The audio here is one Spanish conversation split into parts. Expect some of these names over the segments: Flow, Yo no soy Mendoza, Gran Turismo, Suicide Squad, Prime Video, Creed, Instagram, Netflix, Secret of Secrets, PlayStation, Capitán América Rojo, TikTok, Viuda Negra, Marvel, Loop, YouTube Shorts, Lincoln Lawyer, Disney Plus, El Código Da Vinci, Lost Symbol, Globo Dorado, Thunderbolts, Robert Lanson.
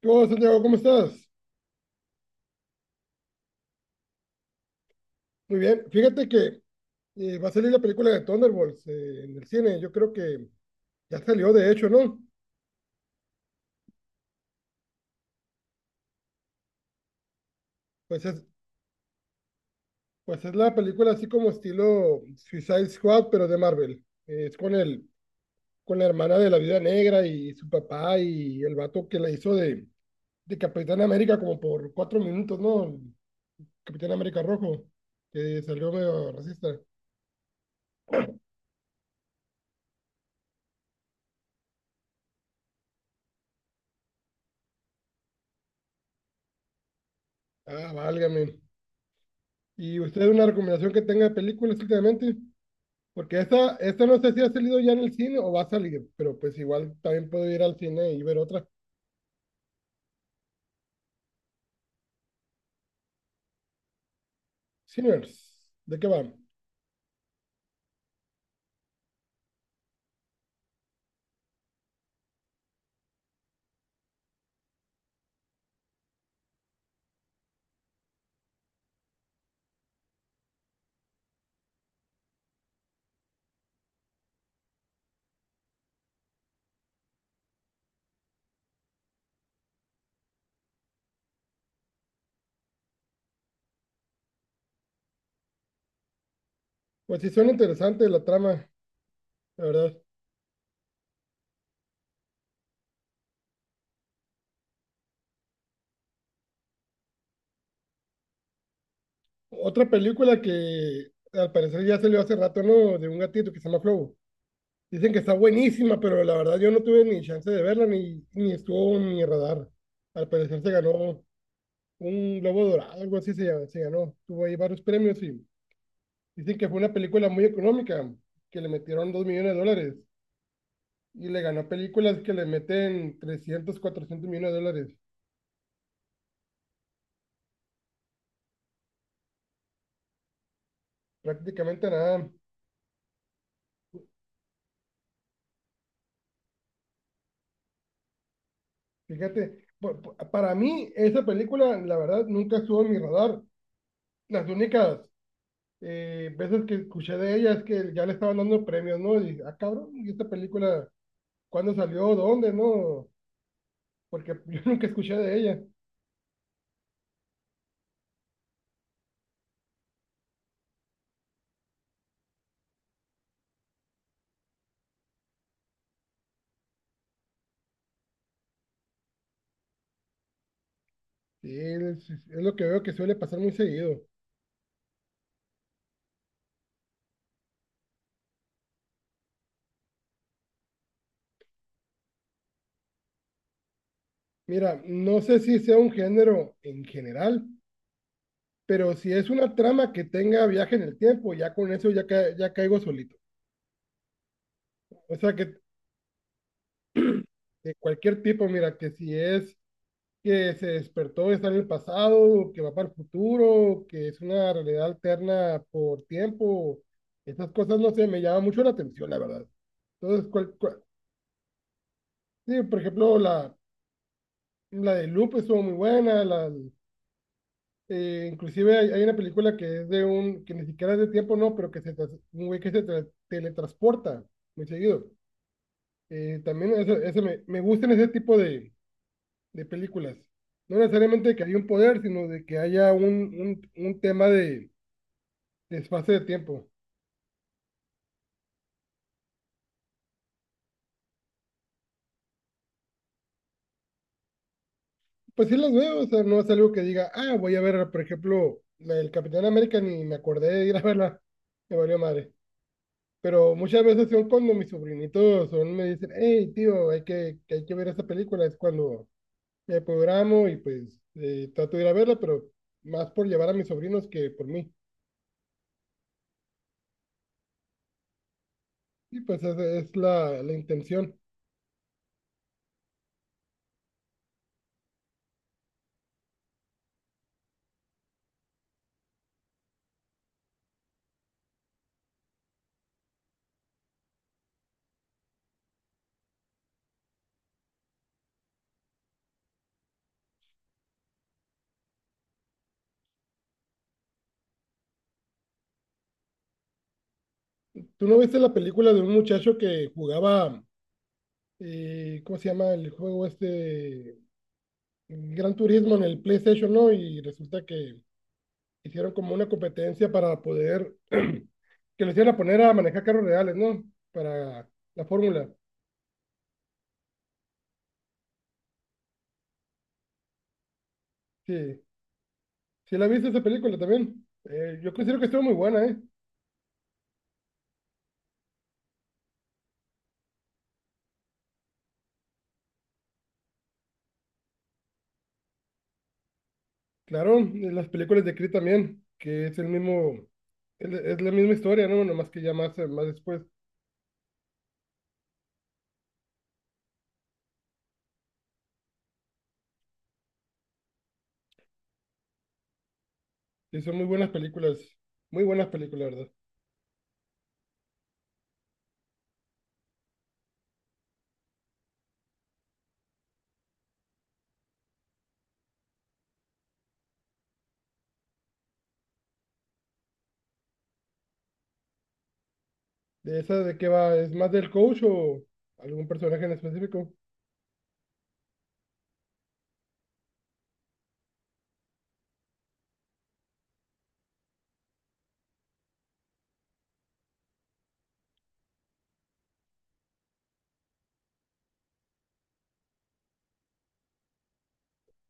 ¿Qué onda, Santiago? ¿Cómo estás? Muy bien. Fíjate que va a salir la película de Thunderbolts en el cine. Yo creo que ya salió, de hecho, ¿no? Pues es, pues es la película así como estilo Suicide Squad, pero de Marvel. Es con con la hermana de la Viuda Negra y su papá y el vato que la hizo de Capitán América como por cuatro minutos, ¿no? Capitán América Rojo, que salió medio racista. Ah, válgame. ¿Y usted una recomendación que tenga de películas últimamente? Porque esta no sé si ha salido ya en el cine o va a salir, pero pues igual también puedo ir al cine y ver otra. Sinners, ¿de qué va? Pues sí, son interesantes la trama, la verdad. Otra película que al parecer ya salió hace rato, ¿no? De un gatito que se llama Flow. Dicen que está buenísima, pero la verdad yo no tuve ni chance de verla, ni estuvo en mi radar. Al parecer se ganó un Globo Dorado, algo así se ganó. Tuvo ahí varios premios y dicen que fue una película muy económica, que le metieron dos millones de dólares y le ganó películas que le meten 300 400 millones de dólares. Prácticamente nada. Fíjate, para mí esa película, la verdad, nunca estuvo en mi radar. Las únicas veces que escuché de ella es que ya le estaban dando premios, ¿no? Y, ah, cabrón, ¿y esta película cuándo salió? ¿Dónde? ¿No? Porque yo nunca escuché de ella. Sí, es lo que veo que suele pasar muy seguido. Mira, no sé si sea un género en general, pero si es una trama que tenga viaje en el tiempo, ya con eso ya, ya caigo solito. O sea, que de cualquier tipo, mira, que si es que se despertó, está en el pasado, o que va para el futuro, o que es una realidad alterna por tiempo, esas cosas, no sé, me llama mucho la atención, la verdad. Entonces, sí, por ejemplo, la de Loop estuvo muy buena, inclusive hay una película que es de un, que ni siquiera es de tiempo, no, pero que un güey que teletransporta muy seguido. También eso me gustan ese tipo de películas. No necesariamente que haya un poder, sino de que haya un tema de espacio de tiempo. Pues sí las veo, o sea, no es algo que diga, ah, voy a ver, por ejemplo, la del Capitán América, ni me acordé de ir a verla, me valió madre. Pero muchas veces son cuando mis sobrinitos son, me dicen, hey, tío, que hay que ver esta película, es cuando me programo y pues trato de ir a verla, pero más por llevar a mis sobrinos que por mí. Sí, pues esa es la intención. ¿Tú no viste la película de un muchacho que jugaba, ¿cómo se llama el juego este? Gran Turismo en el PlayStation, ¿no? Y resulta que hicieron como una competencia para poder, que lo hicieran a poner a manejar carros reales, ¿no? Para la fórmula. Sí, sí la viste esa película también. Yo considero que estuvo muy buena, ¿eh? Claro, y las películas de Creed también, que es el mismo, es la misma historia, ¿no? Nomás que ya más, más después. Sí, son muy buenas películas. Muy buenas películas, ¿verdad? ¿De esa de qué va? ¿Es más del coach o algún personaje en específico?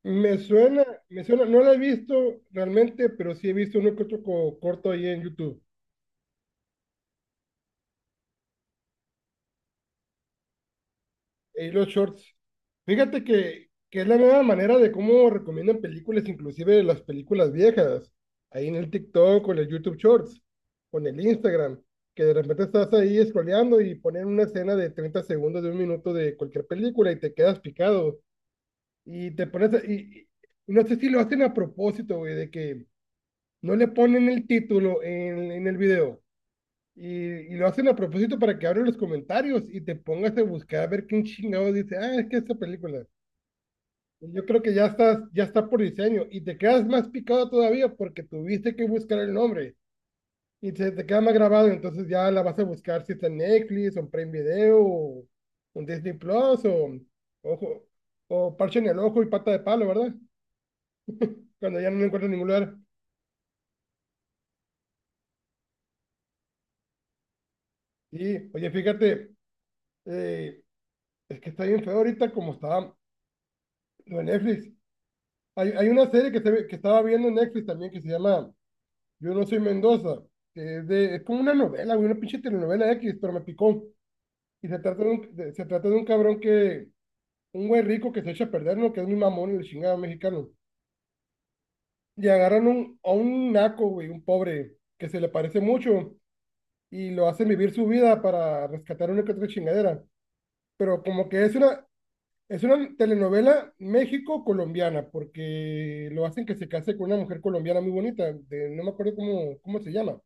Me suena, no la he visto realmente, pero sí he visto uno que otro corto ahí en YouTube. Y los shorts. Fíjate que es la nueva manera de cómo recomiendan películas, inclusive las películas viejas. Ahí en el TikTok, con el YouTube Shorts, con el Instagram, que de repente estás ahí scrolleando y ponen una escena de 30 segundos, de un minuto de cualquier película y te quedas picado. Y te pones, y no sé si lo hacen a propósito, güey, de que no le ponen el título en el video. Y, y lo hacen a propósito para que abran los comentarios y te pongas a buscar a ver quién chingado dice, ah, es que esta película. Yo creo que ya estás, ya está por diseño y te quedas más picado todavía porque tuviste que buscar el nombre y se te queda más grabado, entonces ya la vas a buscar si está en Netflix, o en Prime Video, o en Disney Plus, o, ojo, o parche en el ojo y pata de palo, ¿verdad? Cuando ya no lo encuentro en ningún lugar. Y, oye, fíjate, eh, es que está bien feo ahorita como está lo de Netflix. Hay una serie que estaba viendo en Netflix también que se llama Yo no soy Mendoza, que es como una novela, güey, una pinche telenovela X, pero me picó. Y se trata de un, se trata de un cabrón un güey rico que se echa a perder, ¿no? Que es mi mamón, el chingado mexicano. Y agarran a un naco, güey, un pobre, que se le parece mucho, y lo hacen vivir su vida para rescatar una que otra chingadera. Pero como que es una, es una telenovela México-colombiana, porque lo hacen que se case con una mujer colombiana muy bonita, de, no me acuerdo cómo se llama,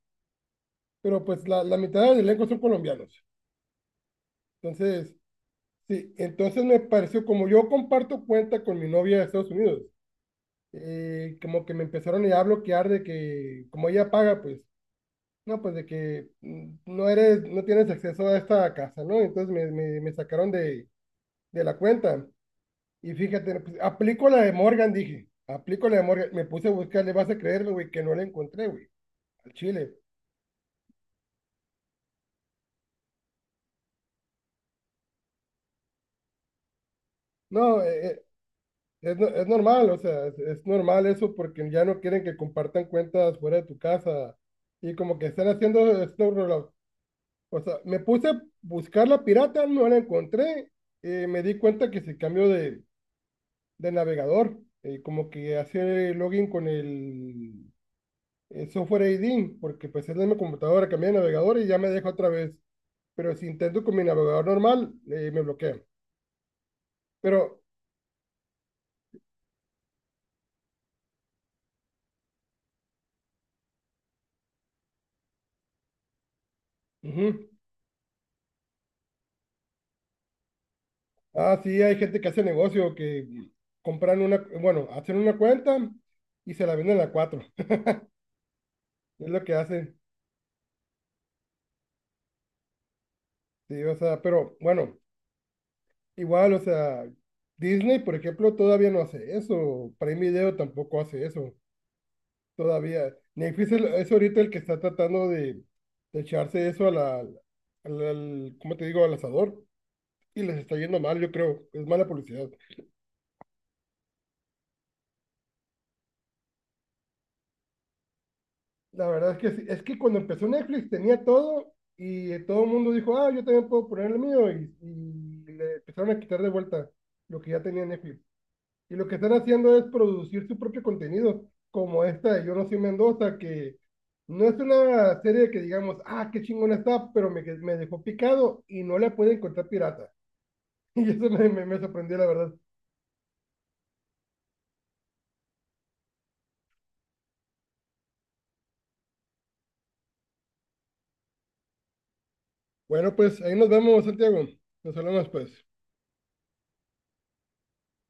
pero pues la mitad del elenco son colombianos. Entonces, sí, entonces me pareció, como yo comparto cuenta con mi novia de Estados Unidos, como que me empezaron ya a bloquear de que, como ella paga, pues, no, pues de que no eres, no tienes acceso a esta casa, ¿no? Entonces me sacaron de la cuenta. Y fíjate, pues, aplico la de Morgan, dije. Aplico la de Morgan. Me puse a buscar, le vas a creerlo, güey, que no la encontré, güey, al chile. No, es normal, o sea, es normal eso porque ya no quieren que compartan cuentas fuera de tu casa. Y como que están haciendo snow rollout. O sea, me puse a buscar la pirata, no la encontré. Me di cuenta que se cambió de navegador. Como que hace login con el software ID, porque pues es la misma computadora, cambié de navegador y ya me deja otra vez, pero si intento con mi navegador normal, me bloquea. Pero, ujú. Ah, sí, hay gente que hace negocio, que compran una, bueno, hacen una cuenta y se la venden a cuatro. Es lo que hacen. Sí, o sea, pero bueno, igual, o sea, Disney, por ejemplo, todavía no hace eso. Prime Video tampoco hace eso. Todavía. Netflix es ahorita el que está tratando de echarse eso a al- ¿cómo te digo? Al asador. Y les está yendo mal, yo creo. Es mala publicidad. La verdad es que sí. Es que cuando empezó Netflix tenía todo y todo el mundo dijo, ah, yo también puedo poner el mío y le empezaron a quitar de vuelta lo que ya tenía Netflix. Y lo que están haciendo es producir su propio contenido, como esta de Yo no soy Mendoza, que no es una serie que digamos, ah, qué chingona está, pero me dejó picado y no la puede encontrar pirata. Y eso me sorprendió, la verdad. Bueno, pues ahí nos vemos, Santiago. Nos hablamos, pues.